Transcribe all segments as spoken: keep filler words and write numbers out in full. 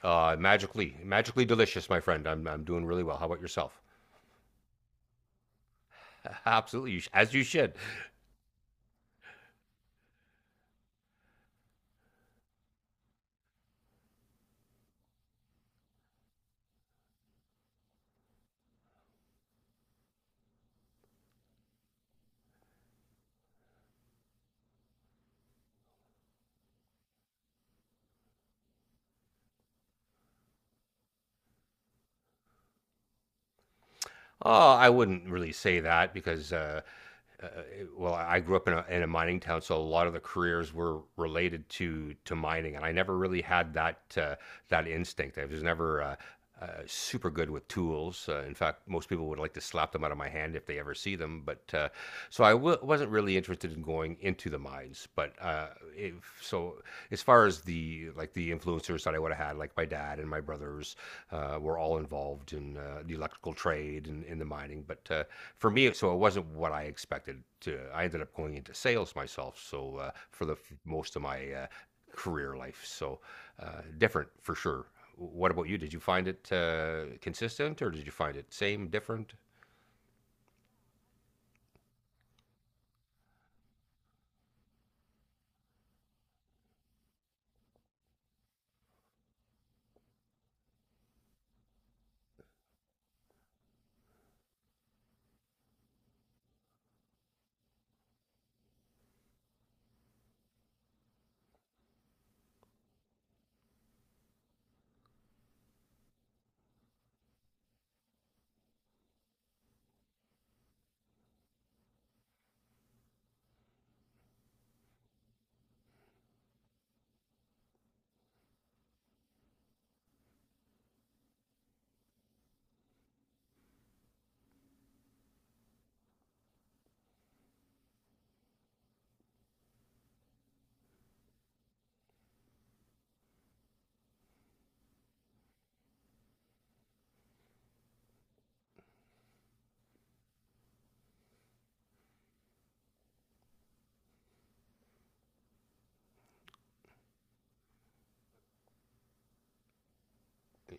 Uh, magically, magically delicious, my friend. I'm, I'm doing really well. How about yourself? Absolutely, you sh- as you should. Oh, I wouldn't really say that because, uh, uh, well, I grew up in a, in a mining town, so a lot of the careers were related to to mining, and I never really had that uh, that instinct. I was never uh, uh, super good with tools. Uh, in fact, most people would like to slap them out of my hand if they ever see them. But uh, so I w- wasn't really interested in going into the mines. But uh, if, so as far as the like the influencers that I would have had, like my dad and my brothers, uh, were all involved in uh, the electrical trade and in the mining. But uh, for me, so it wasn't what I expected. To I ended up going into sales myself. So uh, for the most of my uh, career life, so uh, different for sure. What about you? Did you find it uh, consistent, or did you find it same, different?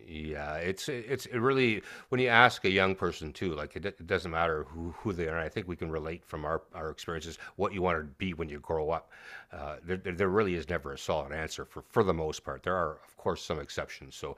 Yeah, it's it's it really when you ask a young person too, like it, it doesn't matter who, who they are. I think we can relate from our, our experiences what you want to be when you grow up. Uh, there, there really is never a solid answer for, for the most part. There are of course some exceptions. So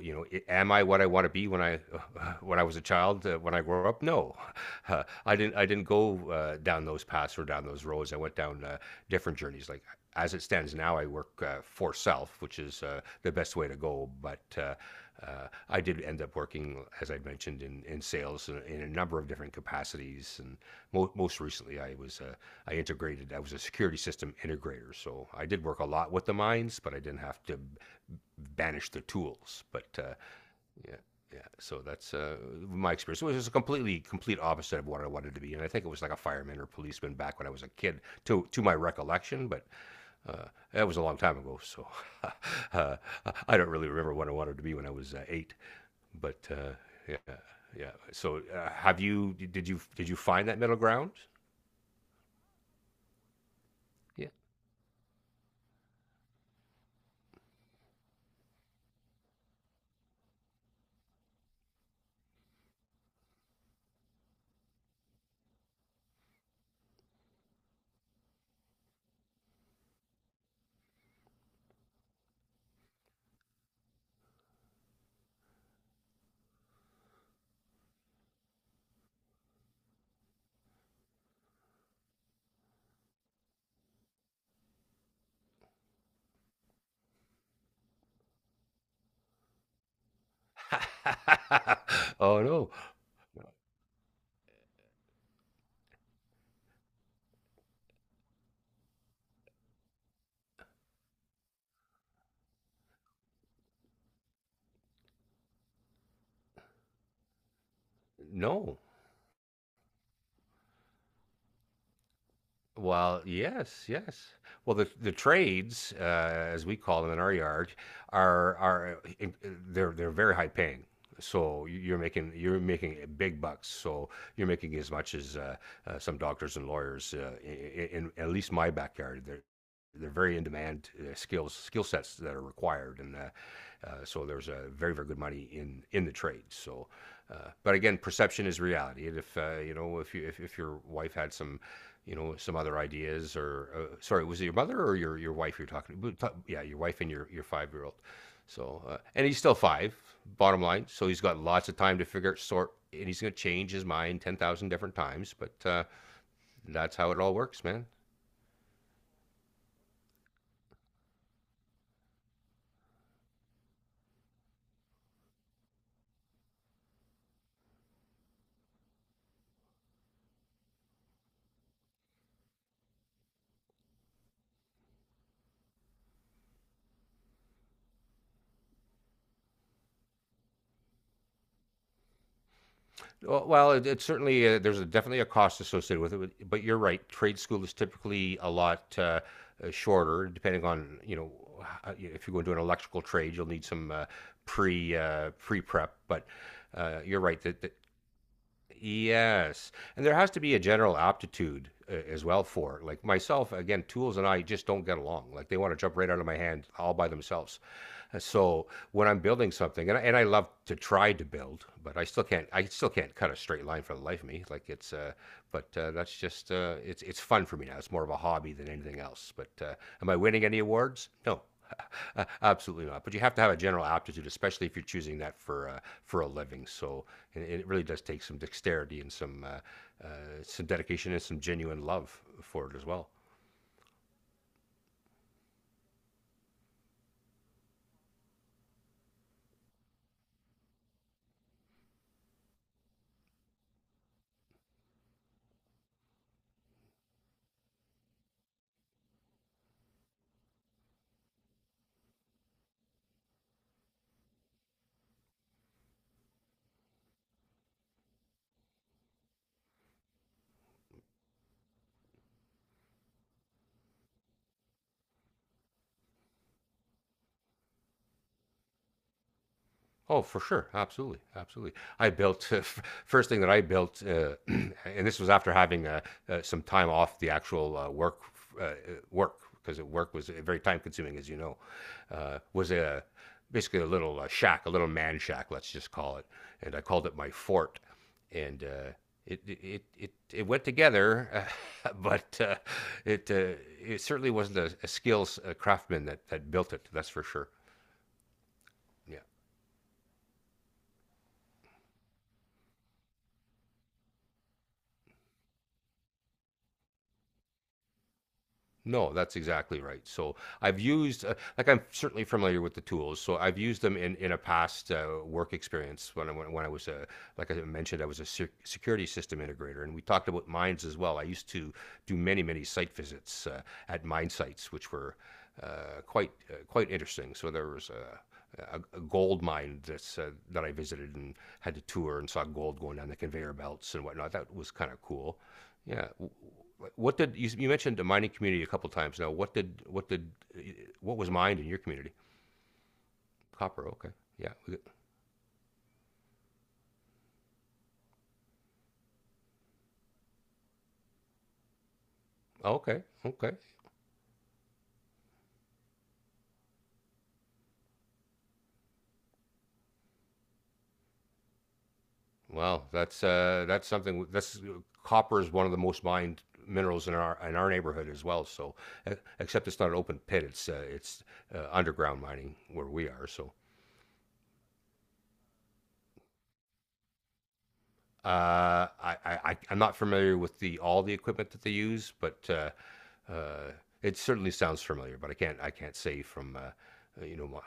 you know, am I what I want to be when I uh, when I was a child? Uh, when I grew up, no, uh, I didn't I didn't go uh, down those paths or down those roads. I went down uh, different journeys. Like as it stands now, I work uh, for self, which is uh, the best way to go. But uh, uh, I did end up working, as I mentioned, in, in sales in, in a number of different capacities, and mo- most recently, I was uh, I integrated. I was a security system integrator, so I did work a lot with the mines, but I didn't have to banish the tools. But uh, yeah, yeah. So that's uh, my experience. It was a completely complete opposite of what I wanted to be, and I think it was like a fireman or policeman back when I was a kid, to to my recollection. But uh, that was a long time ago, so uh, I don't really remember what I wanted to be when I was uh, eight, but uh, yeah, yeah. So, uh, have you did you did you find that middle ground? Oh no, no. Well, yes, yes. Well, the the trades, uh, as we call them in our yard, are are uh, in- they're they're very high paying. So you're making you're making big bucks. So you're making as much as uh, uh, some doctors and lawyers uh, i- i- in, at least my backyard. They're they're very in demand uh, skills skill sets that are required, and uh, uh, so there's a very very good money in in the trades. So, uh, but again, perception is reality. And if uh, you know if you if, if your wife had some you know, some other ideas or uh, sorry, was it your mother or your your wife you're talking to? Yeah, your wife and your your five year old. So uh, and he's still five. Bottom line, so he's got lots of time to figure out, sort, and he's gonna change his mind ten thousand different times. But uh, that's how it all works, man. Well, well, it, it's certainly uh there's a, definitely a cost associated with it, but, but you're right. Trade school is typically a lot uh, uh, shorter, depending on you know h- if you go into an electrical trade, you'll need some uh, pre uh, pre prep. But uh, you're right that, that yes, and there has to be a general aptitude uh, as well for it. Like myself. Again, tools and I just don't get along. Like they want to jump right out of my hand all by themselves. Uh, So when I'm building something, and I, and I love to try to build, but I still can't. I still can't cut a straight line for the life of me. Like it's, uh, but uh, that's just uh, it's it's fun for me now. It's more of a hobby than anything else. But uh, am I winning any awards? No, absolutely not. But you have to have a general aptitude, especially if you're choosing that for uh, for a living. So it, it really does take some dexterity and some uh, uh, some dedication and some genuine love for it as well. Oh, for sure. Absolutely. Absolutely. I built, uh, f first thing that I built, uh, and this was after having uh, uh, some time off the actual uh, work, uh, uh, work, because work was uh, very time consuming, as you know, uh, was a, basically a little uh, shack, a little man shack, let's just call it. And I called it my fort. And uh, it, it, it, it went together, uh, but uh, it, uh, it certainly wasn't a, a skills uh craftsman that, that built it, that's for sure. Yeah. No, that's exactly right. So I've used, uh, like I'm certainly familiar with the tools. So I've used them in in a past uh, work experience when I when, when I was a, like I mentioned, I was a sec- security system integrator, and we talked about mines as well. I used to do many many site visits uh, at mine sites, which were uh, quite uh, quite interesting. So there was a a, a gold mine that's uh, that I visited and had to tour and saw gold going down the conveyor belts and whatnot. That was kind of cool. Yeah. What did you, you mentioned the mining community a couple times now? What did what did what was mined in your community? Copper. Okay. Yeah. Okay. Okay. Well, that's uh, that's something. That's copper is one of the most mined minerals in our in our neighborhood as well. So, e- except it's not an open pit. It's uh, it's uh, underground mining where we are. So Uh, I, I I- am not familiar with the all the equipment that they use, but uh, uh, it certainly sounds familiar. But I can't I can't say from uh, uh, you know my,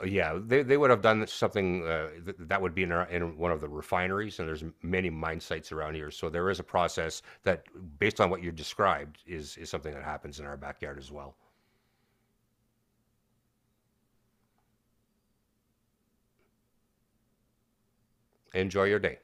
uh, yeah they, they would have done something uh, th- that would be in, our, in one of the refineries and there's many mine sites around here, so there is a process that based on what you described is is something that happens in our backyard as well. Enjoy your day.